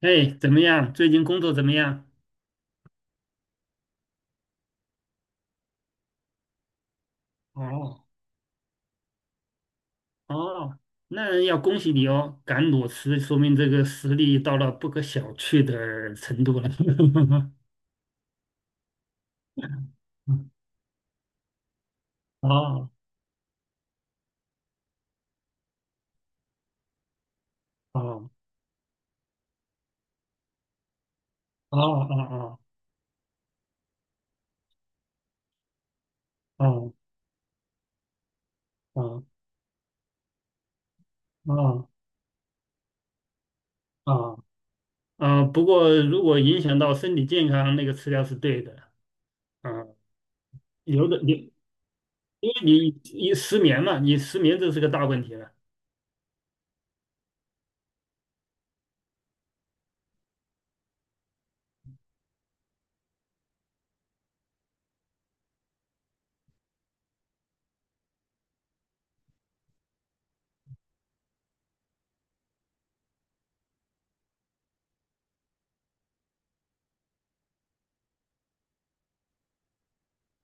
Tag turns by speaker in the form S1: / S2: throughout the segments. S1: 哎，怎么样？最近工作怎么样？哦，哦，那要恭喜你哦，敢裸辞，说明这个实力到了不可小觑的程度了。哦哦哦哦哦哦哦哦。啊！不过如果影响到身体健康，那个吃药是对的。啊，有的你，因为你失眠嘛，你失眠这是个大问题了。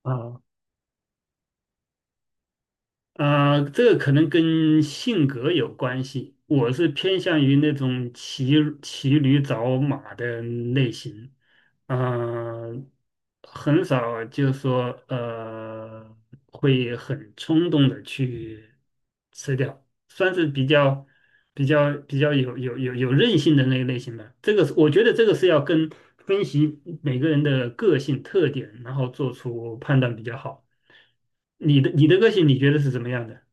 S1: 啊。啊、这个可能跟性格有关系。我是偏向于那种骑驴找马的类型，啊、很少就说会很冲动的去吃掉，算是比较有韧性的那个类型吧。我觉得这个是要跟分析每个人的个性特点，然后做出判断比较好。你的个性你觉得是怎么样的？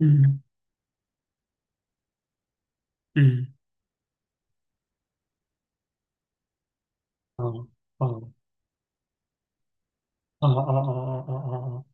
S1: 嗯嗯。哦哦哦哦哦哦哦哦。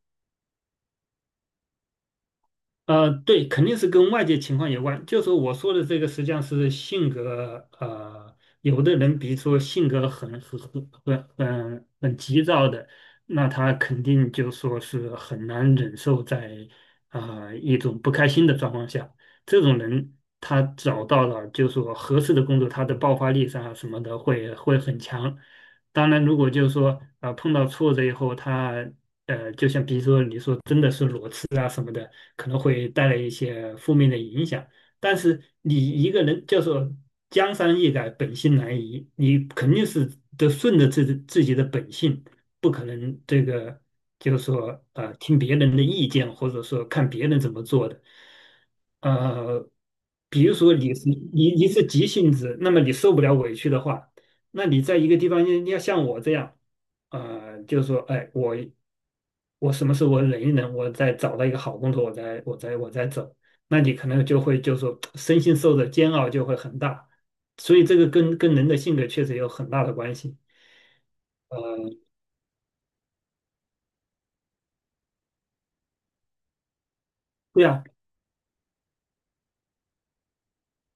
S1: 对，肯定是跟外界情况有关。就说我说的这个，实际上是性格，有的人比如说性格很急躁的，那他肯定就说是很难忍受在啊、一种不开心的状况下，这种人他找到了就说合适的工作，他的爆发力上啊什么的会很强。当然，如果就是说啊、碰到挫折以后，他就像比如说你说。可能会带来一些负面的影响。但是你一个人叫说江山易改，本性难移，你肯定是得顺着自己的本性，不可能这个就是说听别人的意见，或者说看别人怎么做的。呃，比如说你是急性子，那么你受不了委屈的话，那你在一个地方你要像我这样，就是说，哎，我什么时候我忍一忍，我再找到一个好工作，我再走。那你可能就会就说身心受的煎熬就会很大，所以这个跟人的性格确实有很大的关系。呃，对啊，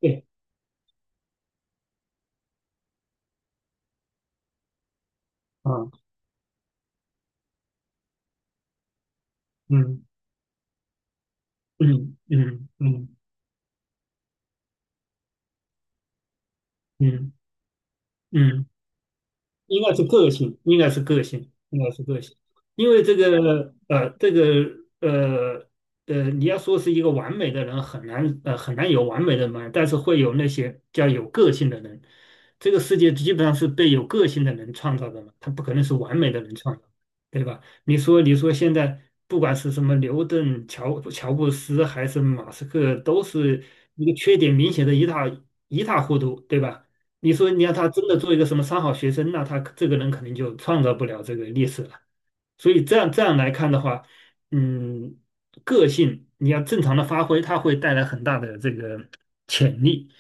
S1: 对啊，嗯嗯嗯嗯嗯嗯嗯。应该是个性，应该是个性，应该是个性，因为这个你要说是一个完美的人，很难很难有完美的人，但是会有那些叫有个性的人。这个世界基本上是被有个性的人创造的嘛，他不可能是完美的人创造，对吧？你说你说现在不管是什么牛顿、乔布斯还是马斯克，都是一个缺点明显的一塌糊涂，对吧？你说你让他真的做一个什么三好学生，那他这个人肯定就创造不了这个历史了。所以这样来看的话，嗯，个性你要正常的发挥，它会带来很大的这个潜力。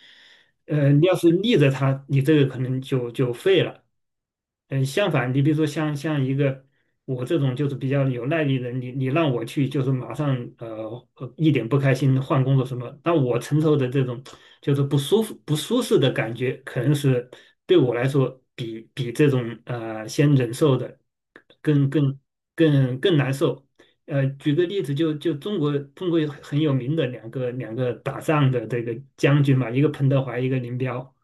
S1: 你要是逆着他，你这个可能就废了。嗯，相反，你比如说像一个我这种就是比较有耐力的人，你让我去就是马上一点不开心换工作什么，那我承受的这种就是不舒服不舒适的感觉，可能是对我来说比这种先忍受的更更更难受。举个例子，就中国有很有名的两个打仗的这个将军嘛，一个彭德怀，一个林彪。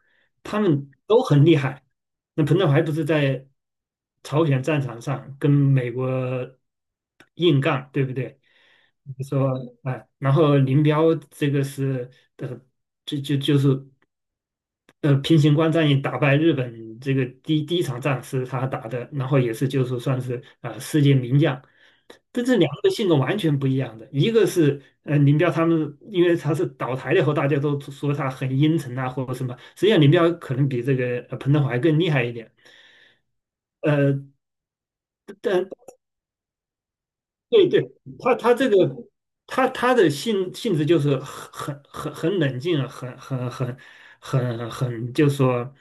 S1: 他们都很厉害。那彭德怀不是在朝鲜战场上跟美国硬杠，对不对？说哎，然后林彪这个是呃，就就就是。平型关战役打败日本这个第一场仗是他打的，然后也是就是算是啊、世界名将，但这两个性格完全不一样的，一个是林彪他们，因为他是倒台了以后，大家都说他很阴沉啊或者什么，实际上林彪可能比这个彭德怀更厉害一点，呃，但对对，他这个他的性质就是很冷静啊，很很很很很，就是说，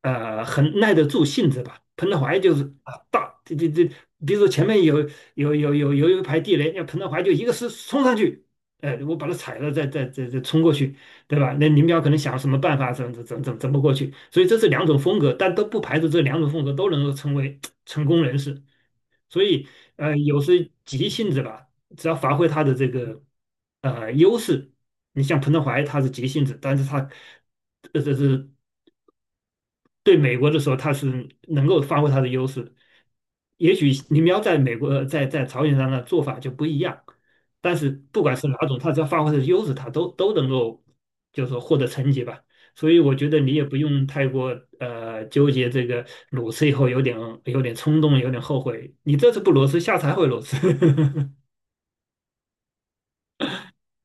S1: 很耐得住性子吧。彭德怀就是啊，大这这这，比如说前面有一排地雷，那彭德怀就一个是冲上去，我把它踩了，再冲过去，对吧？那林彪可能想什么办法，怎么过去？所以这是两种风格，但都不排除这两种风格都能够成为成功人士。所以有时急性子吧，只要发挥他的这个优势，你像彭德怀他是急性子，但是他这是对美国的时候，他是能够发挥他的优势。也许林彪在美国在朝鲜上的做法就不一样，但是不管是哪种，他只要发挥他的优势，他都能够就是说获得成绩吧。所以我觉得你也不用太过纠结这个裸辞以后有点冲动，有点后悔。你这次不裸辞，下次还会裸辞。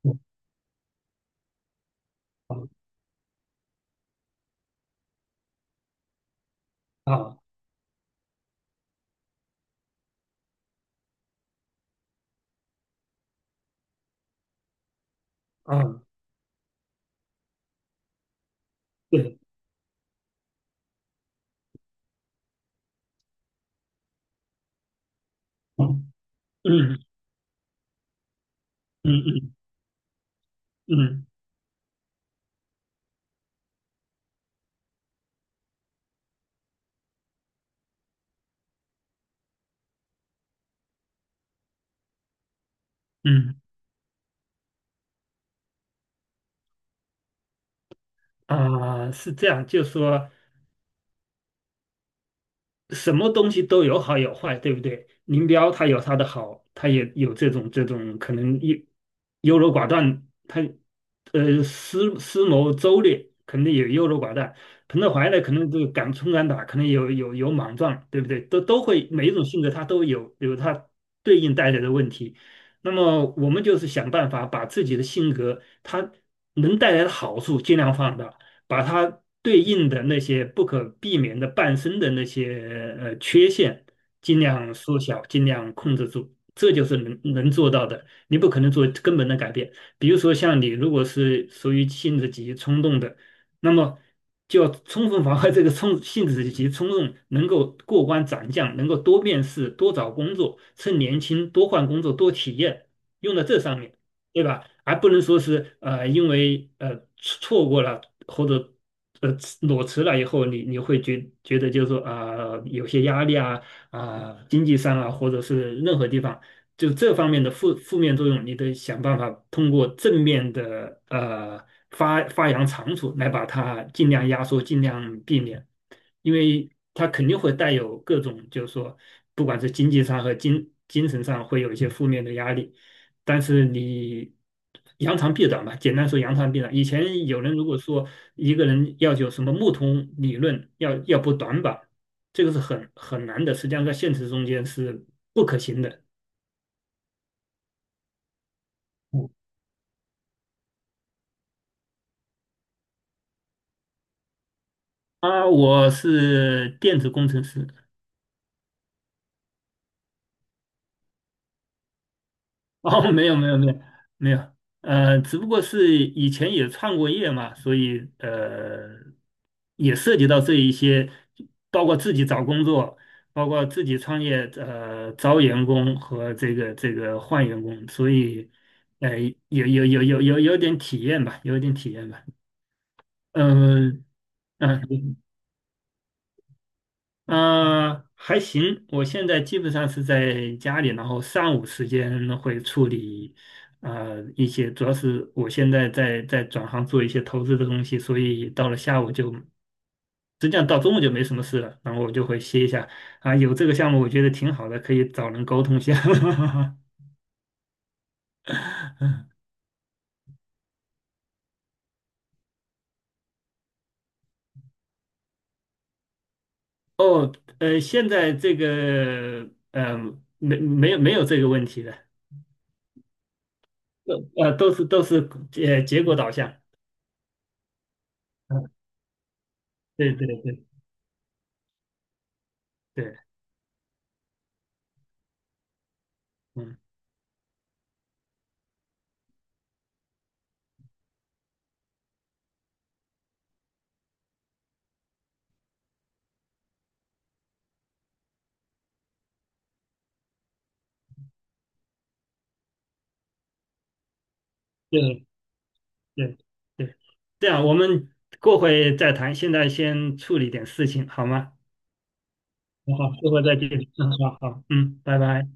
S1: 啊啊，对，嗯嗯嗯嗯嗯嗯啊，是这样，就说。什么东西都有好有坏，对不对？林彪他有他的好，他也有这种可能优柔寡断，他思谋周略，肯定也优柔寡断。彭德怀呢，可能就敢冲敢打，可能有莽撞，对不对？都会每一种性格他都有他对应带来的问题。那么我们就是想办法把自己的性格他能带来的好处尽量放大。把它对应的那些不可避免的伴生的那些缺陷，尽量缩小，尽量控制住，这就是能做到的。你不可能做根本的改变，比如说像你如果是属于性子急冲动的，那么就要充分防范这个冲性子急冲动能够过关斩将，能够多面试、多找工作，趁年轻多换工作、多体验，用在这上面。对吧？还不能说是因为错过了或者呃裸辞了以后，你会觉得就是说啊、有些压力啊啊、经济上啊，或者是任何地方，就这方面的负面作用，你得想办法通过正面的发扬长处来把它尽量压缩，尽量避免，因为它肯定会带有各种就是说，不管是经济上和精神上会有一些负面的压力。但是你扬长避短吧，简单说扬长避短。以前有人如果说一个人要有什么木桶理论，要补短板，这个是很难的，实际上在现实中间是不可行的。嗯。啊，我是电子工程师。哦，没有没有没有没有，只不过是以前也创过业嘛，所以也涉及到这一些，包括自己找工作，包括自己创业，招员工和这个换员工，所以呃，有点体验吧，有点体验吧，嗯嗯、嗯，还行，我现在基本上是在家里，然后上午时间会处理，一些主要是我现在在转行做一些投资的东西，所以到了下午就，实际上到中午就没什么事了，然后我就会歇一下，啊，有这个项目我觉得挺好的，可以找人沟通一下。现在这个，没有这个问题的，都是结果导向，嗯，对对对对，嗯。对对对，这样我们过会再谈，现在先处理点事情好吗？好过会再见。嗯，好好，嗯，拜拜。